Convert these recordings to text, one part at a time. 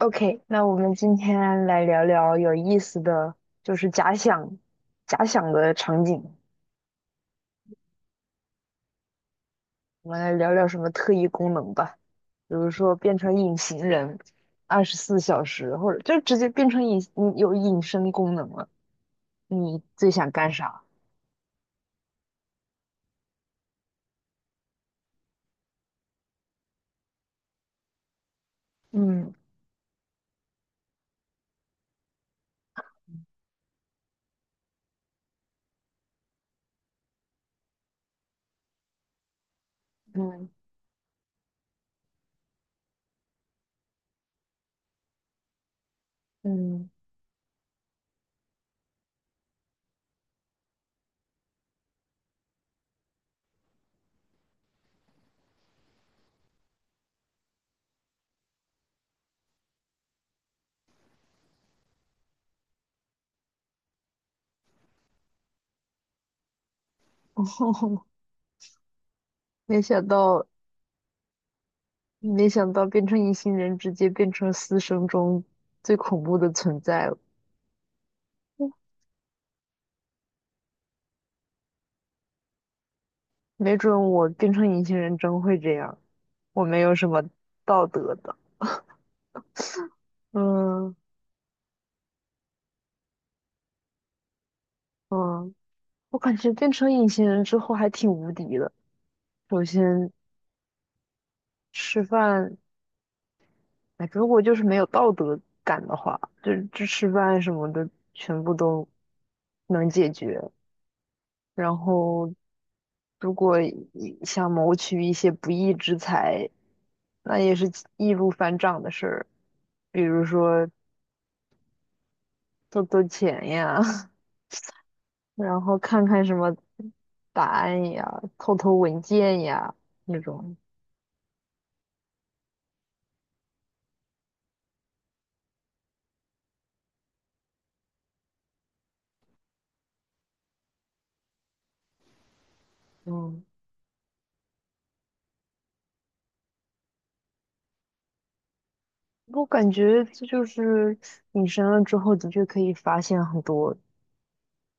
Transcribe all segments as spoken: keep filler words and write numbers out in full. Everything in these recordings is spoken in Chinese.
OK，那我们今天来聊聊有意思的，就是假想、假想的场景。我们来聊聊什么特异功能吧，比如说变成隐形人，二十四小时，或者就直接变成隐，嗯有隐身功能了。你最想干啥？嗯嗯嗯。没想到，没想到变成隐形人，直接变成私生中最恐怖的存在了。没准我变成隐形人真会这样，我没有什么道德的。嗯嗯，我感觉变成隐形人之后还挺无敌的。首先吃饭，哎，如果就是没有道德感的话，就这吃饭什么的全部都能解决。然后如果一想谋取一些不义之财，那也是易如反掌的事儿，比如说偷偷钱呀。然后看看什么答案呀，偷偷文件呀那种。嗯，我感觉这就是隐身了之后，的确可以发现很多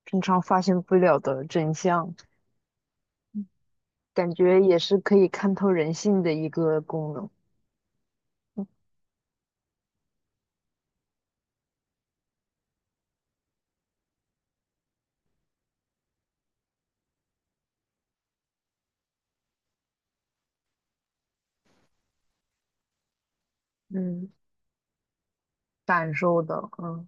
平常发现不了的真相，感觉也是可以看透人性的一个功能。嗯，感受的，嗯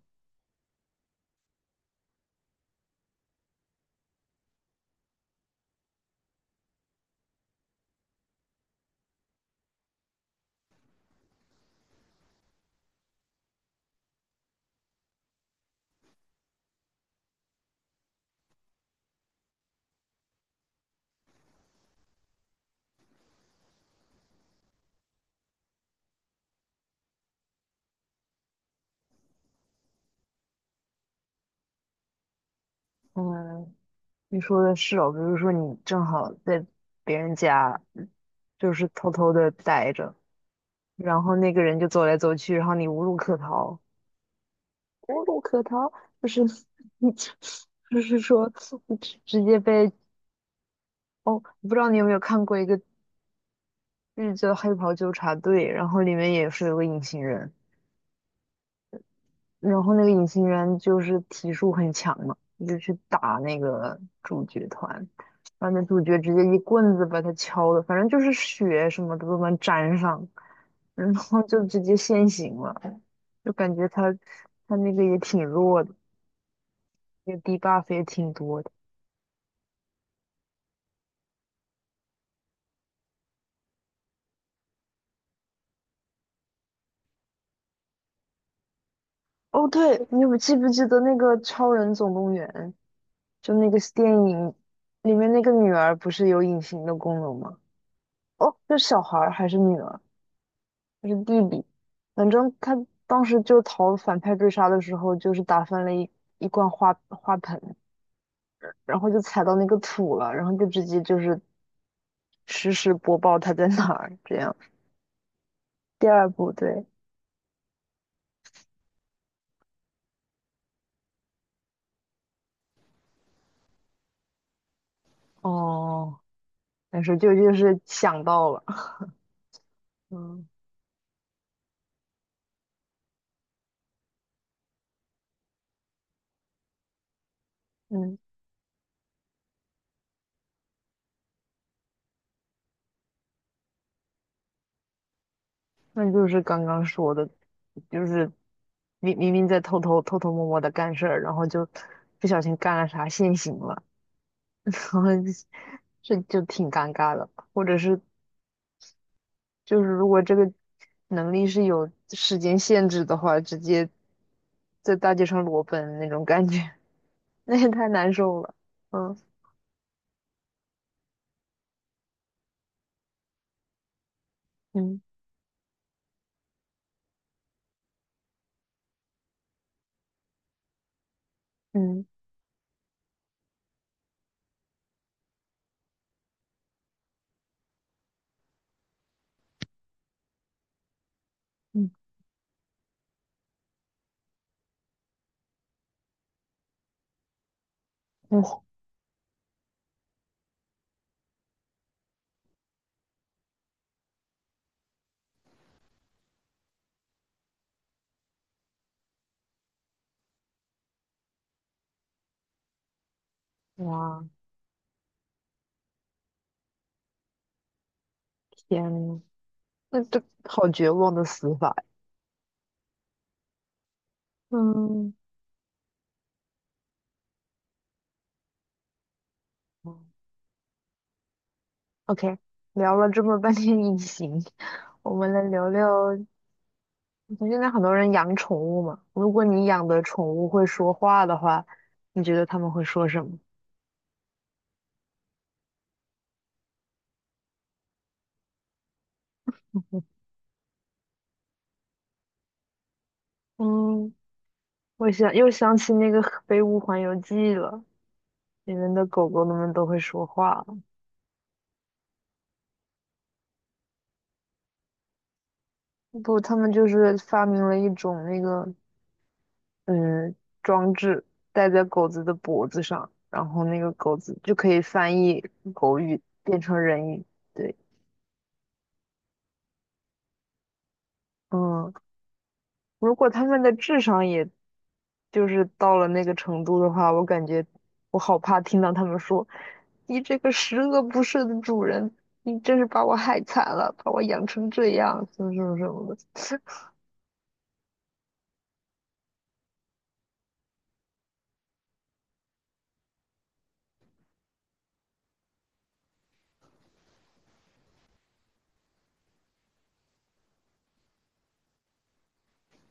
嗯。你说的是哦，比如说你正好在别人家，就是偷偷的待着，然后那个人就走来走去，然后你无路可逃。无路可逃，就是你，就是说直直接被哦，不知道你有没有看过一个日剧叫《黑袍纠察队》，然后里面也是有个隐形人，然后那个隐形人就是体术很强嘛，就去打那个主角团，然后那主角直接一棍子把他敲的，反正就是血什么的都能沾上，然后就直接现形了，就感觉他他那个也挺弱的，那个 d b u f f 也挺多的。哦，对，你有记不记得那个《超人总动员》？就那个电影里面那个女儿不是有隐形的功能吗？哦，是小孩儿还是女儿还是弟弟？反正他当时就逃反派追杀的时候，就是打翻了一一罐花花盆，然后就踩到那个土了，然后就直接就是实时播报他在哪儿。这样，第二部对，哦，但是就就是想到了。嗯嗯。那就是刚刚说的，就是明明明在偷偷偷偷摸摸的干事儿，然后就不小心干了啥现行了，然后这就挺尴尬的。或者是就是如果这个能力是有时间限制的话，直接在大街上裸奔那种感觉，那也太难受了。嗯嗯嗯嗯。哇，天呐，那这好绝望的死法呀。嗯。OK，聊了这么半天隐形，我们来聊聊。现在很多人养宠物嘛，如果你养的宠物会说话的话，你觉得他们会说什么？嗯，我想又想起那个《飞屋环游记》了，里面的狗狗们都会说话了。不，他们就是发明了一种那个嗯装置，戴在狗子的脖子上，然后那个狗子就可以翻译狗语变成人语。对。嗯，如果他们的智商也就是到了那个程度的话，我感觉我好怕听到他们说：“你这个十恶不赦的主人，你真是把我害惨了，把我养成这样，什么什么什么的。”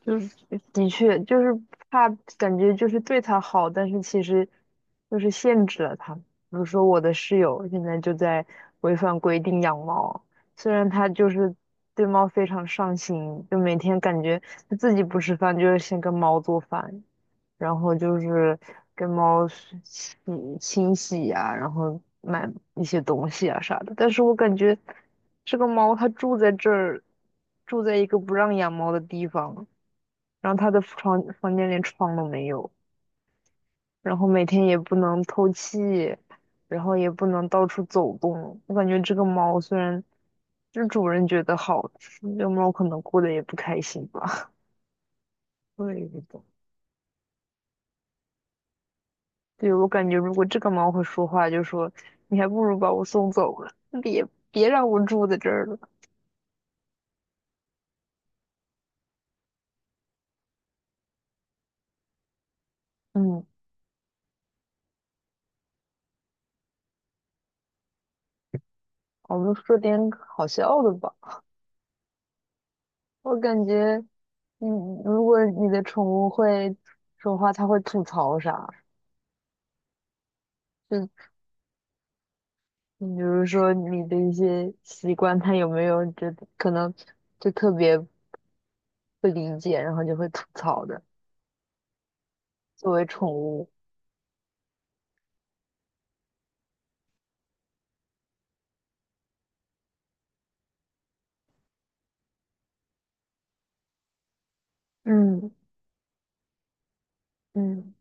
就是的确就是怕，感觉就是对他好，但是其实就是限制了他。比如说我的室友现在就在违反规定养猫，虽然他就是对猫非常上心，就每天感觉他自己不吃饭就是先跟猫做饭，然后就是跟猫是洗清洗呀、然后买一些东西啊啥的。但是我感觉这个猫它住在这儿，住在一个不让养猫的地方。然后他的床房间连窗都没有，然后每天也不能透气，然后也不能到处走动。我感觉这个猫虽然就是主人觉得好，这个猫可能过得也不开心吧。对的。对，我感觉如果这个猫会说话，就说你还不如把我送走了，别别让我住在这儿了。嗯，我们说点好笑的吧。我感觉，你如果你的宠物会说话，它会吐槽啥？就。你比如说你的一些习惯，他有没有觉得可能就特别不理解，然后就会吐槽的？作为宠物，嗯嗯。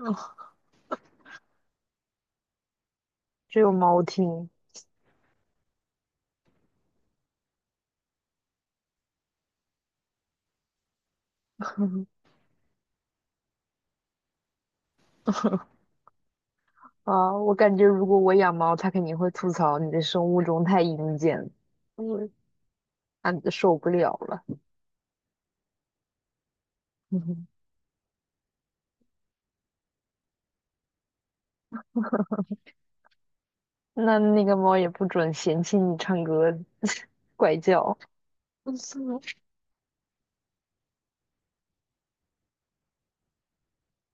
啊，只有猫听。 啊，我感觉如果我养猫，它肯定会吐槽你的生物钟太阴间了。嗯，啊，受不了了。那那个猫也不准嫌弃你唱歌 怪叫。